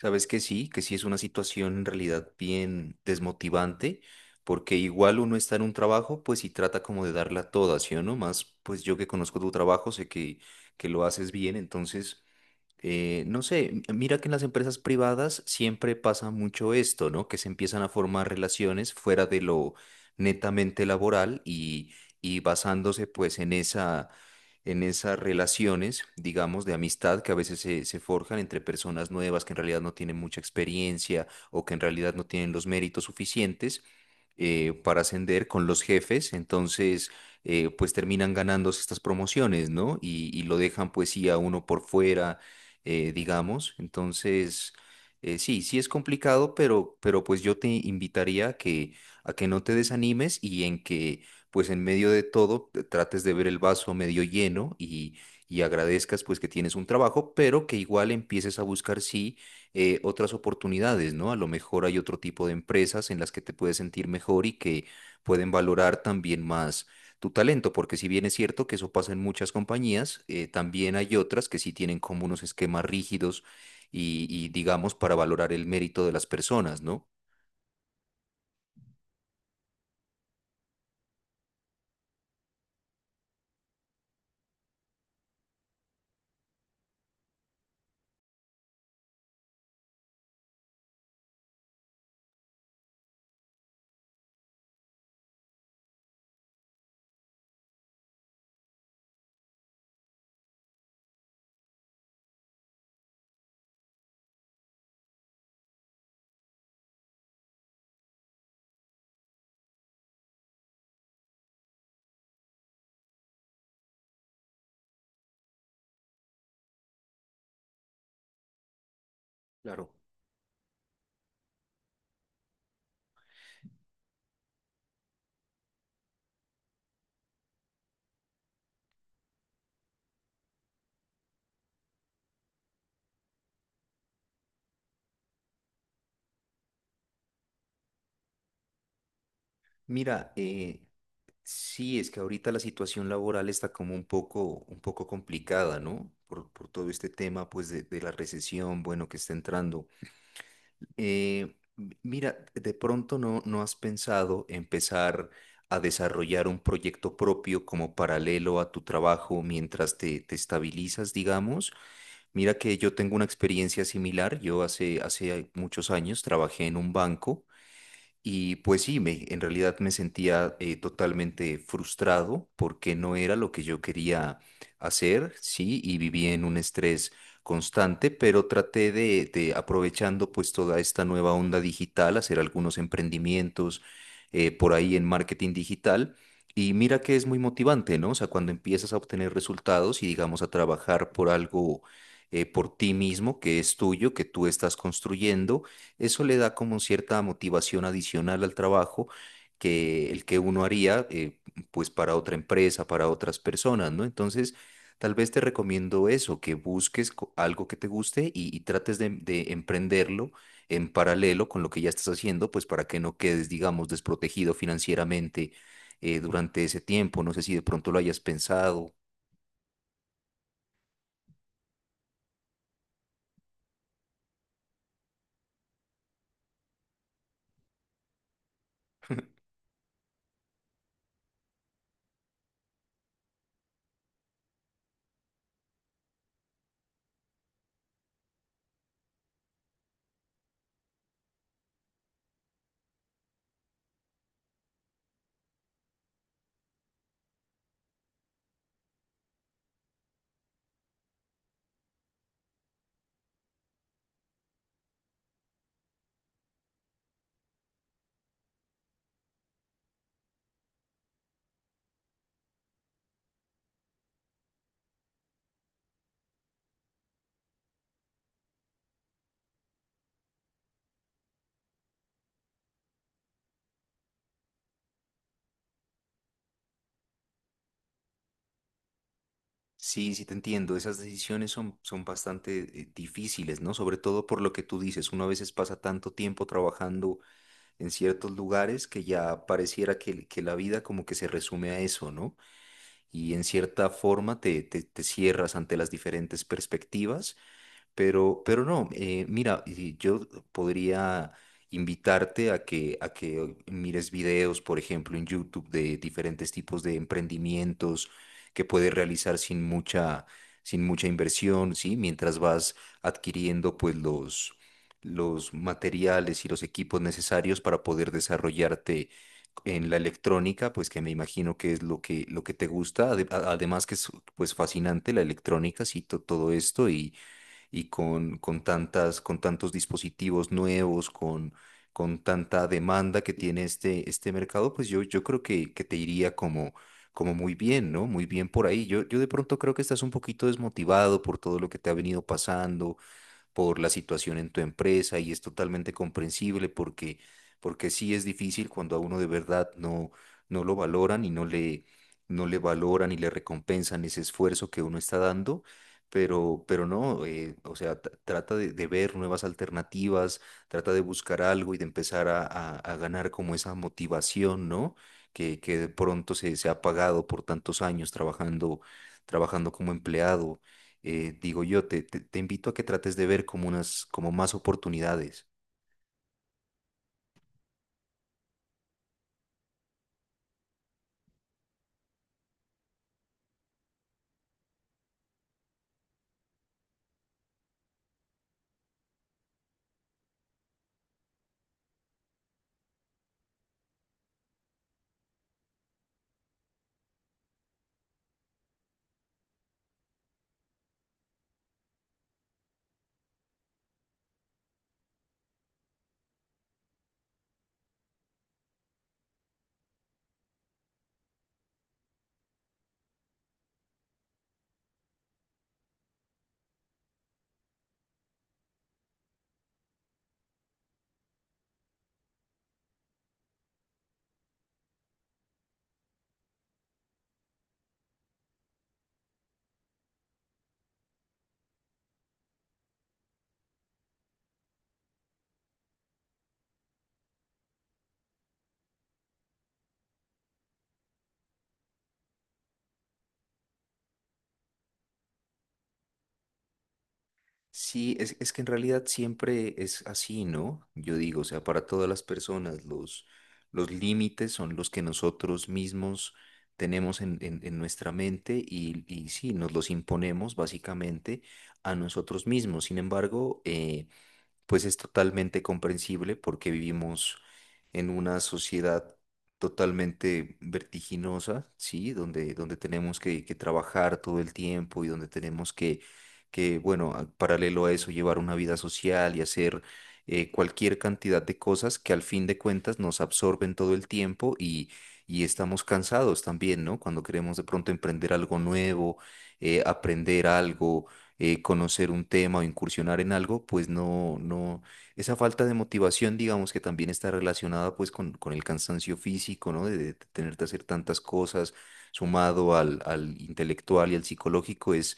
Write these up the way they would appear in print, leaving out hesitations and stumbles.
Sabes que sí es una situación en realidad bien desmotivante, porque igual uno está en un trabajo, pues y trata como de darla toda, ¿sí o no? Más, pues yo que conozco tu trabajo, sé que lo haces bien, entonces no sé, mira que en las empresas privadas siempre pasa mucho esto, ¿no? Que se empiezan a formar relaciones fuera de lo netamente laboral y basándose pues en esa, en esas relaciones, digamos, de amistad que a veces se forjan entre personas nuevas que en realidad no tienen mucha experiencia o que en realidad no tienen los méritos suficientes para ascender con los jefes, entonces pues terminan ganándose estas promociones, ¿no? Y lo dejan pues sí a uno por fuera, digamos. Entonces, sí, sí es complicado, pero pues yo te invitaría a que no te desanimes y en que, pues en medio de todo, te trates de ver el vaso medio lleno y agradezcas pues que tienes un trabajo, pero que igual empieces a buscar, sí, otras oportunidades, ¿no? A lo mejor hay otro tipo de empresas en las que te puedes sentir mejor y que pueden valorar también más tu talento, porque si bien es cierto que eso pasa en muchas compañías, también hay otras que sí tienen como unos esquemas rígidos y digamos, para valorar el mérito de las personas, ¿no? Claro. Mira, sí, es que ahorita la situación laboral está como un poco complicada, ¿no? Por todo este tema, pues, de la recesión, bueno, que está entrando. Mira, de pronto no, no has pensado empezar a desarrollar un proyecto propio como paralelo a tu trabajo mientras te estabilizas, digamos. Mira que yo tengo una experiencia similar. Yo hace, hace muchos años trabajé en un banco. Y pues sí, me, en realidad me sentía totalmente frustrado porque no era lo que yo quería hacer, sí, y vivía en un estrés constante, pero traté de aprovechando pues toda esta nueva onda digital, hacer algunos emprendimientos por ahí en marketing digital. Y mira que es muy motivante, ¿no? O sea, cuando empiezas a obtener resultados y digamos a trabajar por algo, por ti mismo, que es tuyo, que tú estás construyendo, eso le da como cierta motivación adicional al trabajo que el que uno haría, pues para otra empresa, para otras personas, ¿no? Entonces, tal vez te recomiendo eso, que busques algo que te guste y trates de emprenderlo en paralelo con lo que ya estás haciendo, pues para que no quedes, digamos, desprotegido financieramente durante ese tiempo. No sé si de pronto lo hayas pensado. Sí, sí te entiendo. Esas decisiones son bastante difíciles, ¿no? Sobre todo por lo que tú dices. Uno a veces pasa tanto tiempo trabajando en ciertos lugares que ya pareciera que la vida como que se resume a eso, ¿no? Y en cierta forma te cierras ante las diferentes perspectivas, pero no, mira, y yo podría invitarte a que mires videos, por ejemplo, en YouTube de diferentes tipos de emprendimientos que puedes realizar sin mucha, sin mucha inversión, ¿sí? Mientras vas adquiriendo pues los materiales y los equipos necesarios para poder desarrollarte en la electrónica, pues que me imagino que es lo que te gusta. Además que es pues fascinante la electrónica, sí, todo esto y con tantos dispositivos nuevos, con tanta demanda que tiene este, este mercado, pues yo creo que te iría como, como muy bien, ¿no? Muy bien por ahí. Yo de pronto creo que estás un poquito desmotivado por todo lo que te ha venido pasando por la situación en tu empresa y es totalmente comprensible porque sí es difícil cuando a uno de verdad no, no lo valoran y no le, no le valoran y le recompensan ese esfuerzo que uno está dando. Pero no, o sea, trata de ver nuevas alternativas, trata de buscar algo y de empezar a ganar como esa motivación, ¿no? Que de pronto se ha pagado por tantos años trabajando, trabajando como empleado, digo yo, te invito a que trates de ver como unas, como más oportunidades. Sí, es que en realidad siempre es así, ¿no? Yo digo, o sea, para todas las personas, los límites son los que nosotros mismos tenemos en, en nuestra mente y sí, nos los imponemos básicamente a nosotros mismos. Sin embargo, pues es totalmente comprensible porque vivimos en una sociedad totalmente vertiginosa, ¿sí? Donde, donde tenemos que trabajar todo el tiempo y donde tenemos que, bueno, paralelo a eso, llevar una vida social y hacer cualquier cantidad de cosas que al fin de cuentas nos absorben todo el tiempo y estamos cansados también, ¿no? Cuando queremos de pronto emprender algo nuevo, aprender algo, conocer un tema o incursionar en algo, pues no, no, esa falta de motivación, digamos que también está relacionada pues con el cansancio físico, ¿no? De tener que hacer tantas cosas, sumado al intelectual y al psicológico,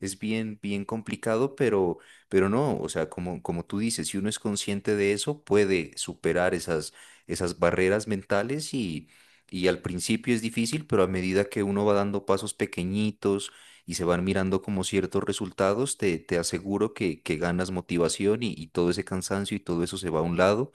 es bien, bien complicado, pero no, o sea, como, como tú dices, si uno es consciente de eso, puede superar esas, esas barreras mentales y... Y al principio es difícil, pero a medida que uno va dando pasos pequeñitos, y se van mirando como ciertos resultados, te aseguro que ganas motivación y todo ese cansancio y todo eso se va a un lado,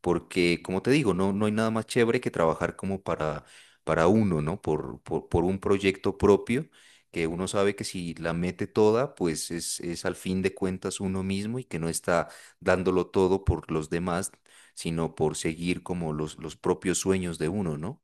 porque como te digo, no, no hay nada más chévere que trabajar como para uno, ¿no? Por un proyecto propio, que uno sabe que si la mete toda, pues es al fin de cuentas uno mismo y que no está dándolo todo por los demás, sino por seguir como los propios sueños de uno, ¿no?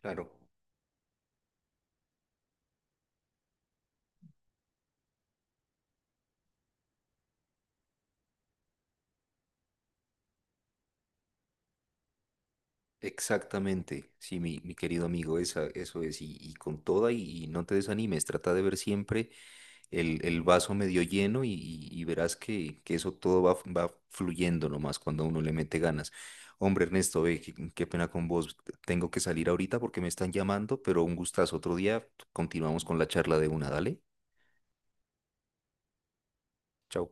Claro. Exactamente, sí, mi querido amigo, esa, eso es, y con toda, y no te desanimes, trata de ver siempre el vaso medio lleno y, y verás que eso todo va, va fluyendo nomás cuando uno le mete ganas. Hombre, Ernesto, ve, qué, qué pena con vos, tengo que salir ahorita porque me están llamando, pero un gustazo, otro día continuamos con la charla de una, dale, chao.